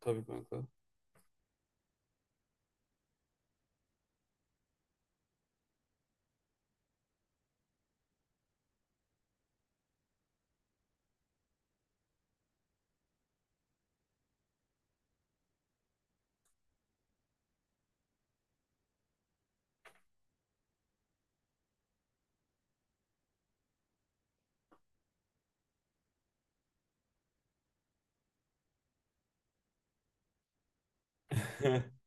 Tabii kanka.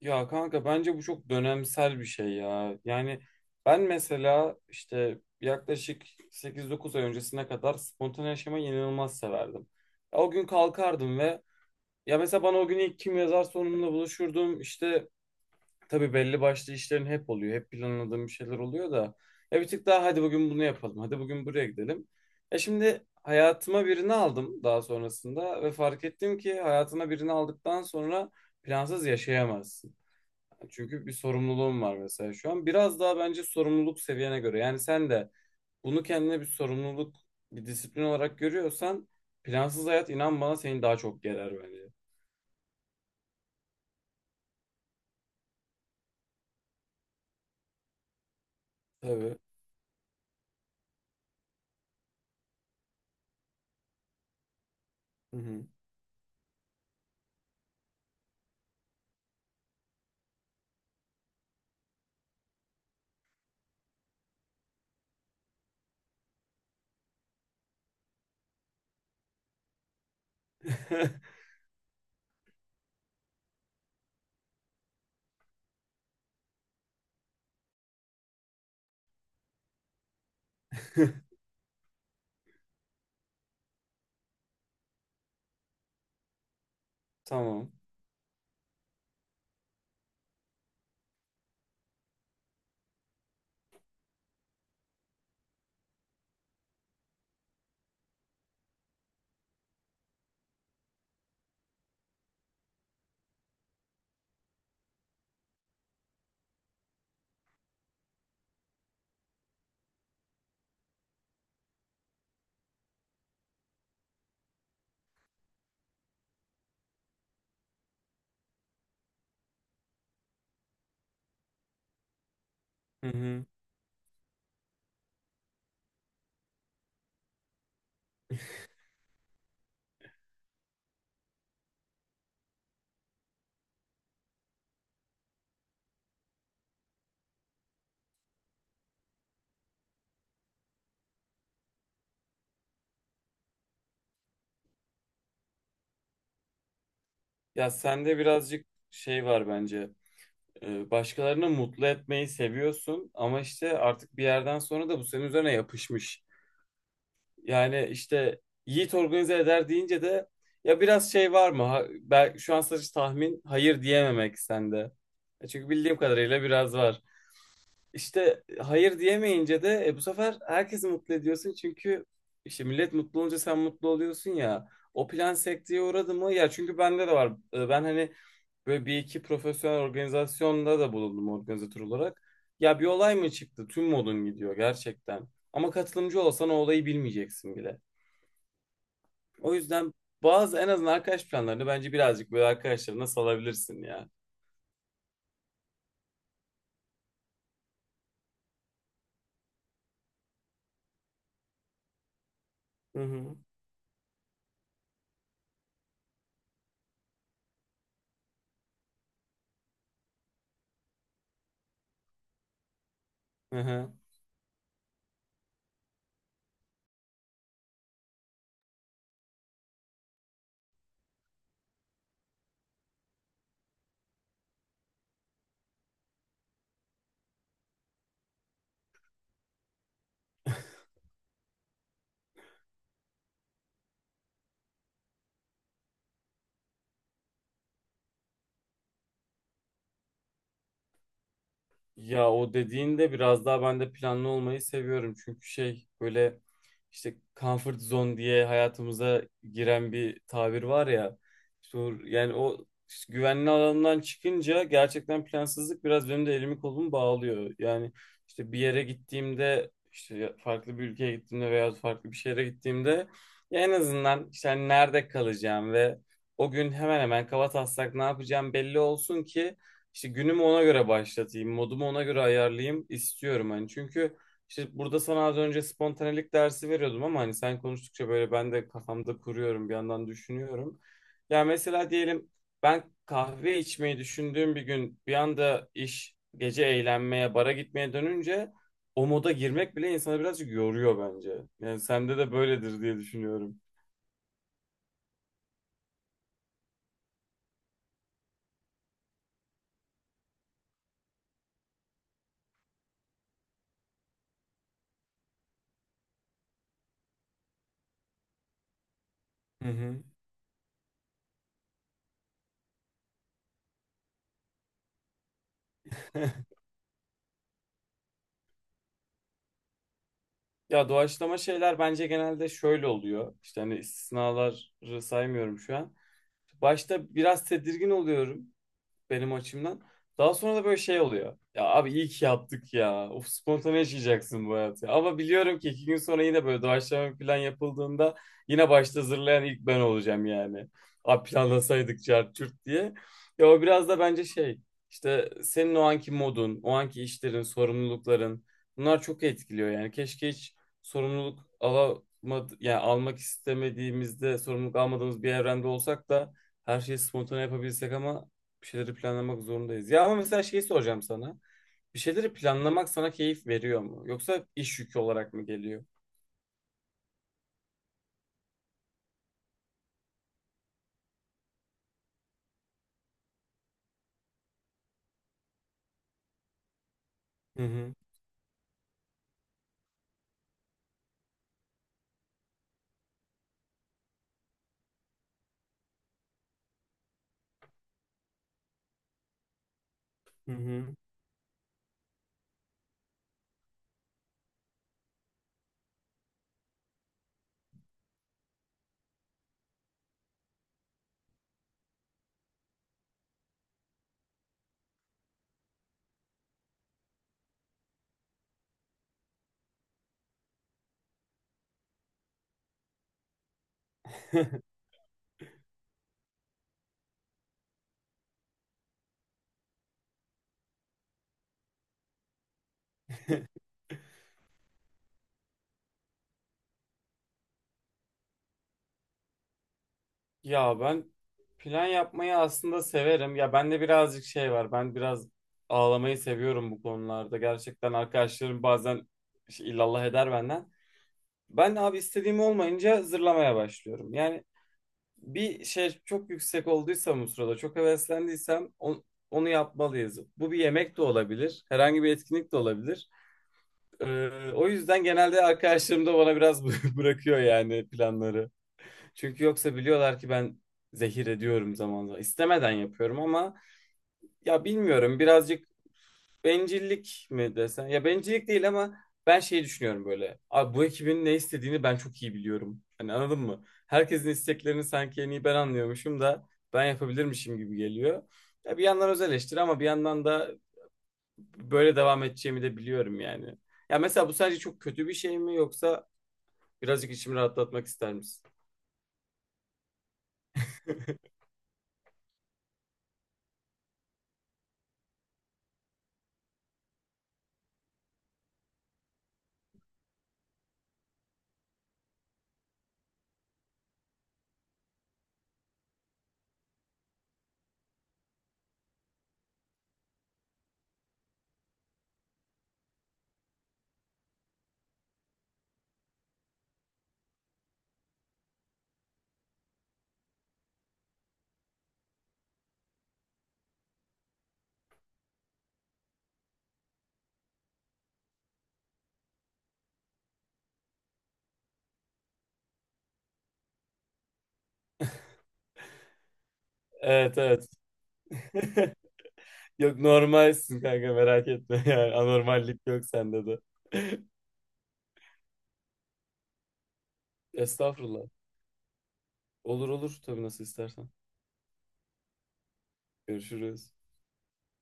Ya kanka bence bu çok dönemsel bir şey ya. Yani ben mesela işte yaklaşık 8-9 ay öncesine kadar spontane yaşamayı inanılmaz severdim. Ya o gün kalkardım ve ya mesela bana o gün ilk kim yazarsa onunla buluşurdum. İşte tabii belli başlı işlerin hep oluyor. Hep planladığım bir şeyler oluyor da. Ya bir tık daha hadi bugün bunu yapalım. Hadi bugün buraya gidelim. Ya şimdi hayatıma birini aldım daha sonrasında ve fark ettim ki hayatına birini aldıktan sonra plansız yaşayamazsın. Çünkü bir sorumluluğum var mesela şu an. Biraz daha bence sorumluluk seviyene göre. Yani sen de bunu kendine bir sorumluluk, bir disiplin olarak görüyorsan plansız hayat inan bana seni daha çok gerer bence. Tabii. Hı hı. Tamam. Hı hı. Ya sende birazcık şey var bence. Başkalarını mutlu etmeyi seviyorsun ama işte artık bir yerden sonra da bu senin üzerine yapışmış. Yani işte Yiğit organize eder deyince de ya biraz şey var mı? Ben şu an sadece tahmin hayır diyememek sende. Çünkü bildiğim kadarıyla biraz var. İşte hayır diyemeyince de bu sefer herkesi mutlu ediyorsun çünkü işte millet mutlu olunca sen mutlu oluyorsun ya. O plan sekteye uğradı mı? Ya çünkü bende de var. Ben hani böyle bir iki profesyonel organizasyonda da bulundum organizatör olarak. Ya bir olay mı çıktı? Tüm modun gidiyor gerçekten. Ama katılımcı olsan o olayı bilmeyeceksin bile. O yüzden bazı en azından arkadaş planlarını bence birazcık böyle arkadaşlarına salabilirsin ya. Hı hı. Hı hı. Ya o dediğinde biraz daha ben de planlı olmayı seviyorum. Çünkü şey böyle işte comfort zone diye hayatımıza giren bir tabir var ya. İşte yani o işte güvenli alandan çıkınca gerçekten plansızlık biraz benim de elimi kolumu bağlıyor. Yani işte bir yere gittiğimde işte farklı bir ülkeye gittiğimde veya farklı bir şehre gittiğimde ya en azından işte hani nerede kalacağım ve o gün hemen hemen kaba taslak ne yapacağım belli olsun ki işte günümü ona göre başlatayım, modumu ona göre ayarlayayım istiyorum hani. Çünkü işte burada sana az önce spontanelik dersi veriyordum ama hani sen konuştukça böyle ben de kafamda kuruyorum, bir yandan düşünüyorum. Ya mesela diyelim ben kahve içmeyi düşündüğüm bir gün bir anda iş gece eğlenmeye, bara gitmeye dönünce o moda girmek bile insanı birazcık yoruyor bence. Yani sende de böyledir diye düşünüyorum. Hı hı. Ya doğaçlama şeyler bence genelde şöyle oluyor. İşte hani istisnaları saymıyorum şu an. Başta biraz tedirgin oluyorum benim açımdan. Daha sonra da böyle şey oluyor. Ya abi iyi ki yaptık ya. Of spontane yaşayacaksın bu hayatı. Ama biliyorum ki iki gün sonra yine böyle doğaçlama bir plan yapıldığında yine başta hazırlayan ilk ben olacağım yani. Abi planlasaydık çarçurt çurt diye. Ya o biraz da bence şey işte senin o anki modun, o anki işlerin, sorumlulukların bunlar çok etkiliyor yani. Keşke hiç sorumluluk alamadı, yani almak istemediğimizde sorumluluk almadığımız bir evrende olsak da her şeyi spontane yapabilsek ama bir şeyleri planlamak zorundayız. Ya ama mesela şeyi soracağım sana. Bir şeyleri planlamak sana keyif veriyor mu? Yoksa iş yükü olarak mı geliyor? Hı hı. Hı hı. Ya ben plan yapmayı aslında severim. Ya bende birazcık şey var. Ben biraz ağlamayı seviyorum bu konularda. Gerçekten arkadaşlarım bazen şey, illallah eder benden. Ben abi istediğim olmayınca zırlamaya başlıyorum. Yani bir şey çok yüksek olduysam o sırada çok heveslendiysem onu yapmalıyız. Bu bir yemek de olabilir, herhangi bir etkinlik de olabilir. O yüzden genelde arkadaşlarım da bana biraz bırakıyor yani planları. Çünkü yoksa biliyorlar ki ben zehir ediyorum zaman zaman. İstemeden yapıyorum ama ya bilmiyorum birazcık bencillik mi desen? Ya bencillik değil ama ben şey düşünüyorum böyle. Abi bu ekibin ne istediğini ben çok iyi biliyorum. Hani anladın mı? Herkesin isteklerini sanki en iyi ben anlıyormuşum da ben yapabilirmişim gibi geliyor. Ya bir yandan öz eleştiri ama bir yandan da böyle devam edeceğimi de biliyorum yani. Ya mesela bu sadece çok kötü bir şey mi yoksa birazcık içimi rahatlatmak ister misin? Evet evet. Yok normalsin kanka merak etme yani anormallik yok sende de. Estağfurullah. Olur olur tabii nasıl istersen. Görüşürüz.